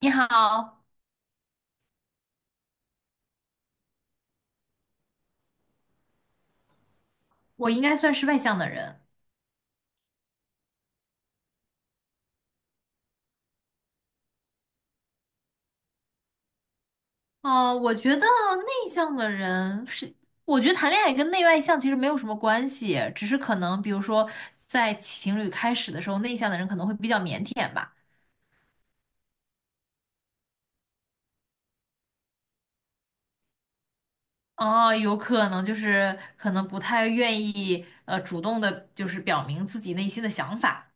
你好，我应该算是外向的人。哦，我觉得谈恋爱跟内外向其实没有什么关系，只是可能比如说在情侣开始的时候，内向的人可能会比较腼腆吧。哦，有可能就是可能不太愿意主动的，就是表明自己内心的想法。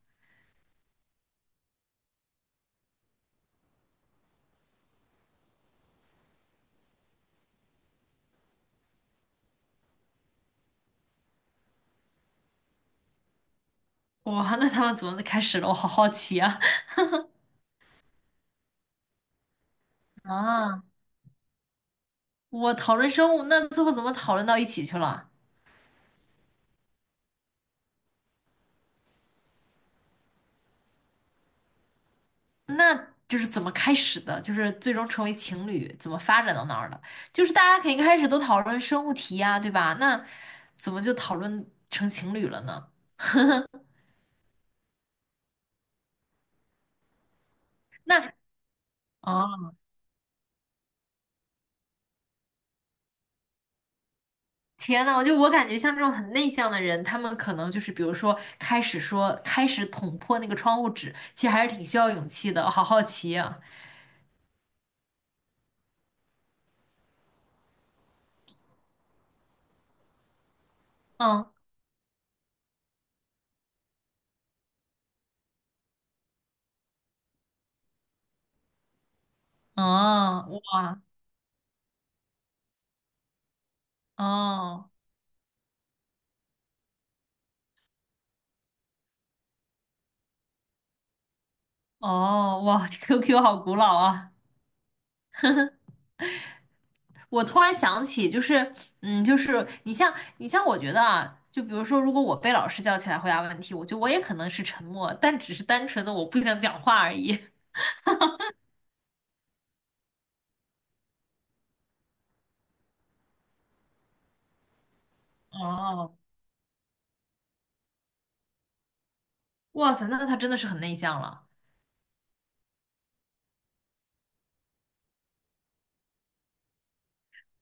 哇，那他们怎么开始了？我好好奇啊！啊，我讨论生物，那最后怎么讨论到一起去了？那就是怎么开始的，就是最终成为情侣，怎么发展到那儿的？就是大家肯定开始都讨论生物题呀，对吧？那怎么就讨论成情侣了呢？那啊，天呐，我感觉像这种很内向的人，他们可能就是比如说开始捅破那个窗户纸，其实还是挺需要勇气的。我好好奇啊，嗯，哦，哇，哦哦，哇，QQ 好古老啊。我突然想起，就是，嗯，就是你像你像，我觉得啊，就比如说，如果我被老师叫起来回答问题，我觉得我也可能是沉默，但只是单纯的我不想讲话而已。哦，哇塞，那他真的是很内向了。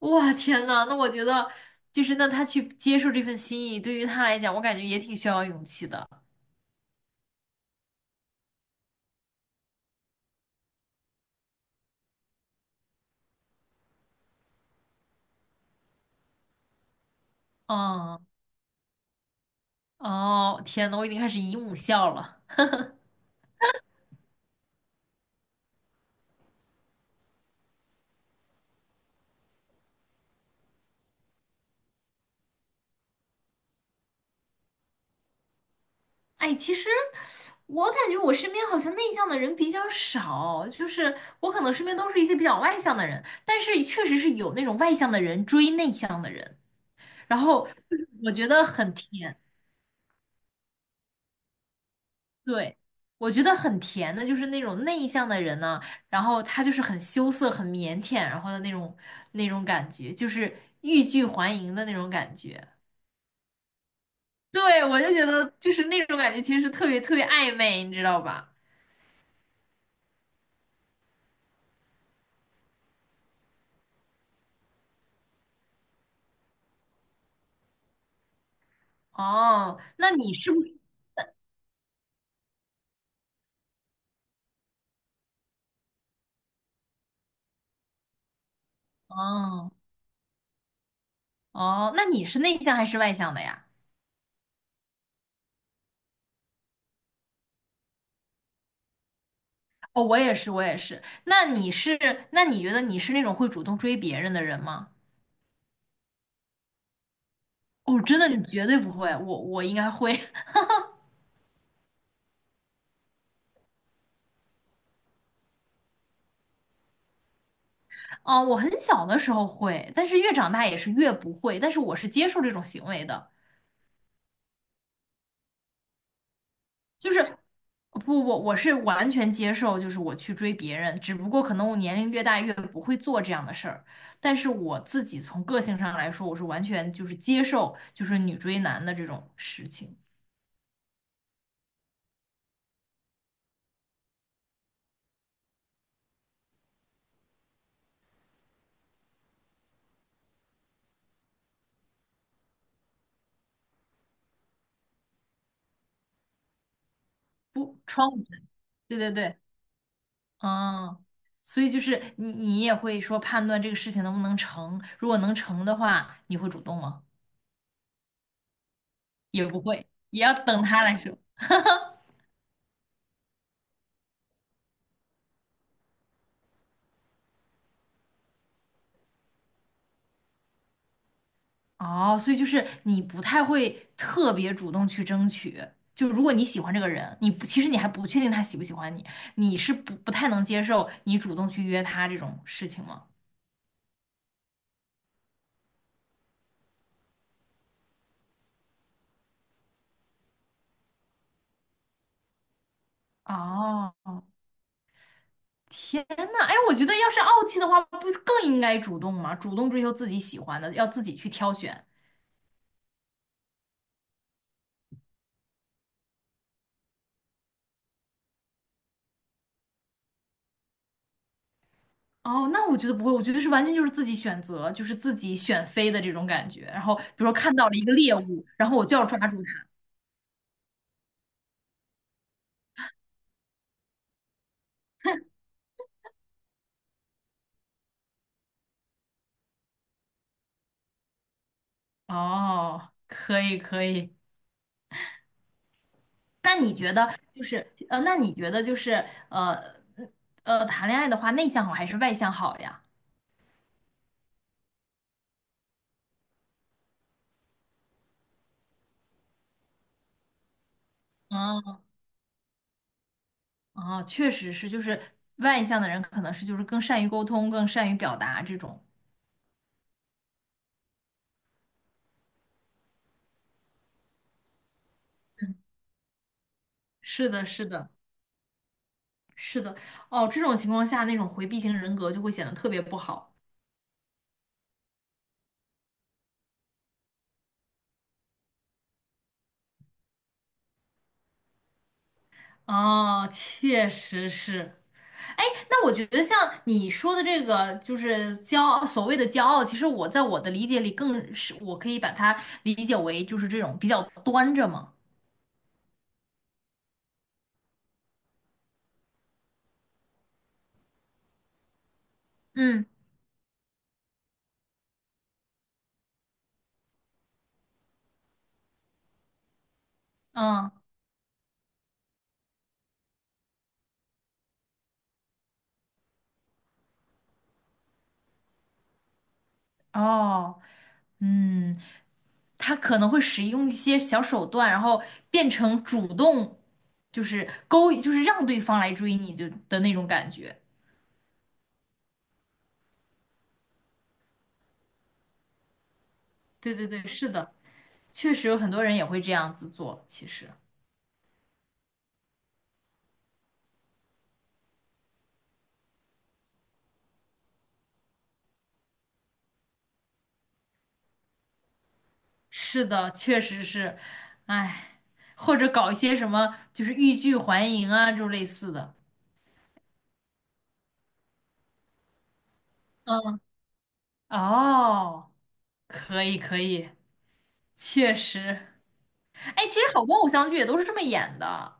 哇，天呐，那我觉得就是那他去接受这份心意，对于他来讲，我感觉也挺需要勇气的。嗯，哦，天呐，我已经开始姨母笑了。哎，其实我感觉我身边好像内向的人比较少，就是我可能身边都是一些比较外向的人，但是确实是有那种外向的人追内向的人，然后就是我觉得很甜，对，我觉得很甜的，就是那种内向的人呢，然后他就是很羞涩、很腼腆，然后的那种那种感觉，就是欲拒还迎的那种感觉。对，我就觉得就是那种感觉，其实是特别特别暧昧，你知道吧？哦，那你是不是？哦。哦，那你是内向还是外向的呀？哦，我也是，我也是。那你觉得你是那种会主动追别人的人吗？哦，真的，你绝对不会。我应该会。哦，我很小的时候会，但是越长大也是越不会。但是我是接受这种行为的，就是不，我是完全接受，就是我去追别人，只不过可能我年龄越大越不会做这样的事儿。但是我自己从个性上来说，我是完全就是接受，就是女追男的这种事情。不，窗户。对对对，嗯，所以就是你你也会说判断这个事情能不能成，如果能成的话，你会主动吗？也不会，也要等他来说。哦，所以就是你不太会特别主动去争取，就如果你喜欢这个人，你不其实你还不确定他喜不喜欢你，你是不不太能接受你主动去约他这种事情吗？哦，天呐，哎，我觉得要是傲气的话，不更应该主动吗？主动追求自己喜欢的，要自己去挑选。哦，那我觉得不会，我觉得是完全就是自己选择，就是自己选飞的这种感觉。然后比如说看到了一个猎物，然后我就要抓住它。哦，可以可以。那你觉得就是呃，谈恋爱的话，内向好还是外向好呀？啊，哦，确实是，就是外向的人可能是就是更善于沟通，更善于表达这种。是的，是的，是的。哦，这种情况下，那种回避型人格就会显得特别不好。哦，确实是。哎，那我觉得像你说的这个，就是骄傲，所谓的骄傲，其实我在我的理解里，更是我可以把它理解为就是这种比较端着嘛。嗯。嗯。哦。嗯。他可能会使用一些小手段，然后变成主动，就是勾引，就是让对方来追你就的那种感觉。对对对，是的，确实有很多人也会这样子做。其实是的，确实是，哎。或者搞一些什么就是欲拒还迎啊，这种类似的。嗯，哦，可以可以，确实，哎，其实好多偶像剧也都是这么演的。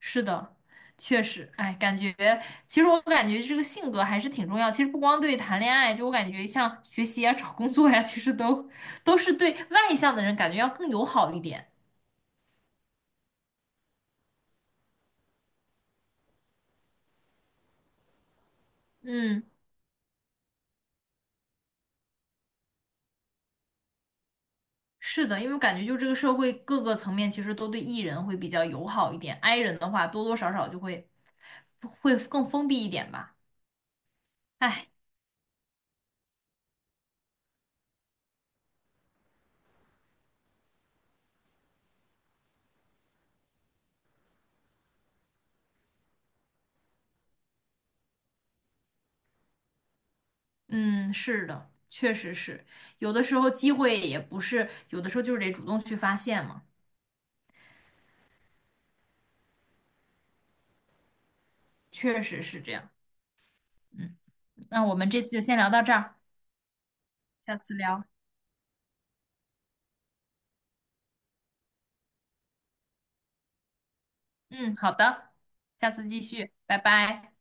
是的，确实，哎，其实我感觉这个性格还是挺重要。其实不光对谈恋爱，就我感觉像学习啊、找工作呀、其实都是对外向的人感觉要更友好一点。嗯。是的，因为我感觉就这个社会各个层面其实都对 E 人会比较友好一点，I 人的话多多少少就会更封闭一点吧。哎，嗯，是的，确实是，有的时候机会也不是，有的时候就是得主动去发现嘛，确实是这样。嗯，那我们这次就先聊到这儿，下次聊。嗯，好的，下次继续，拜拜。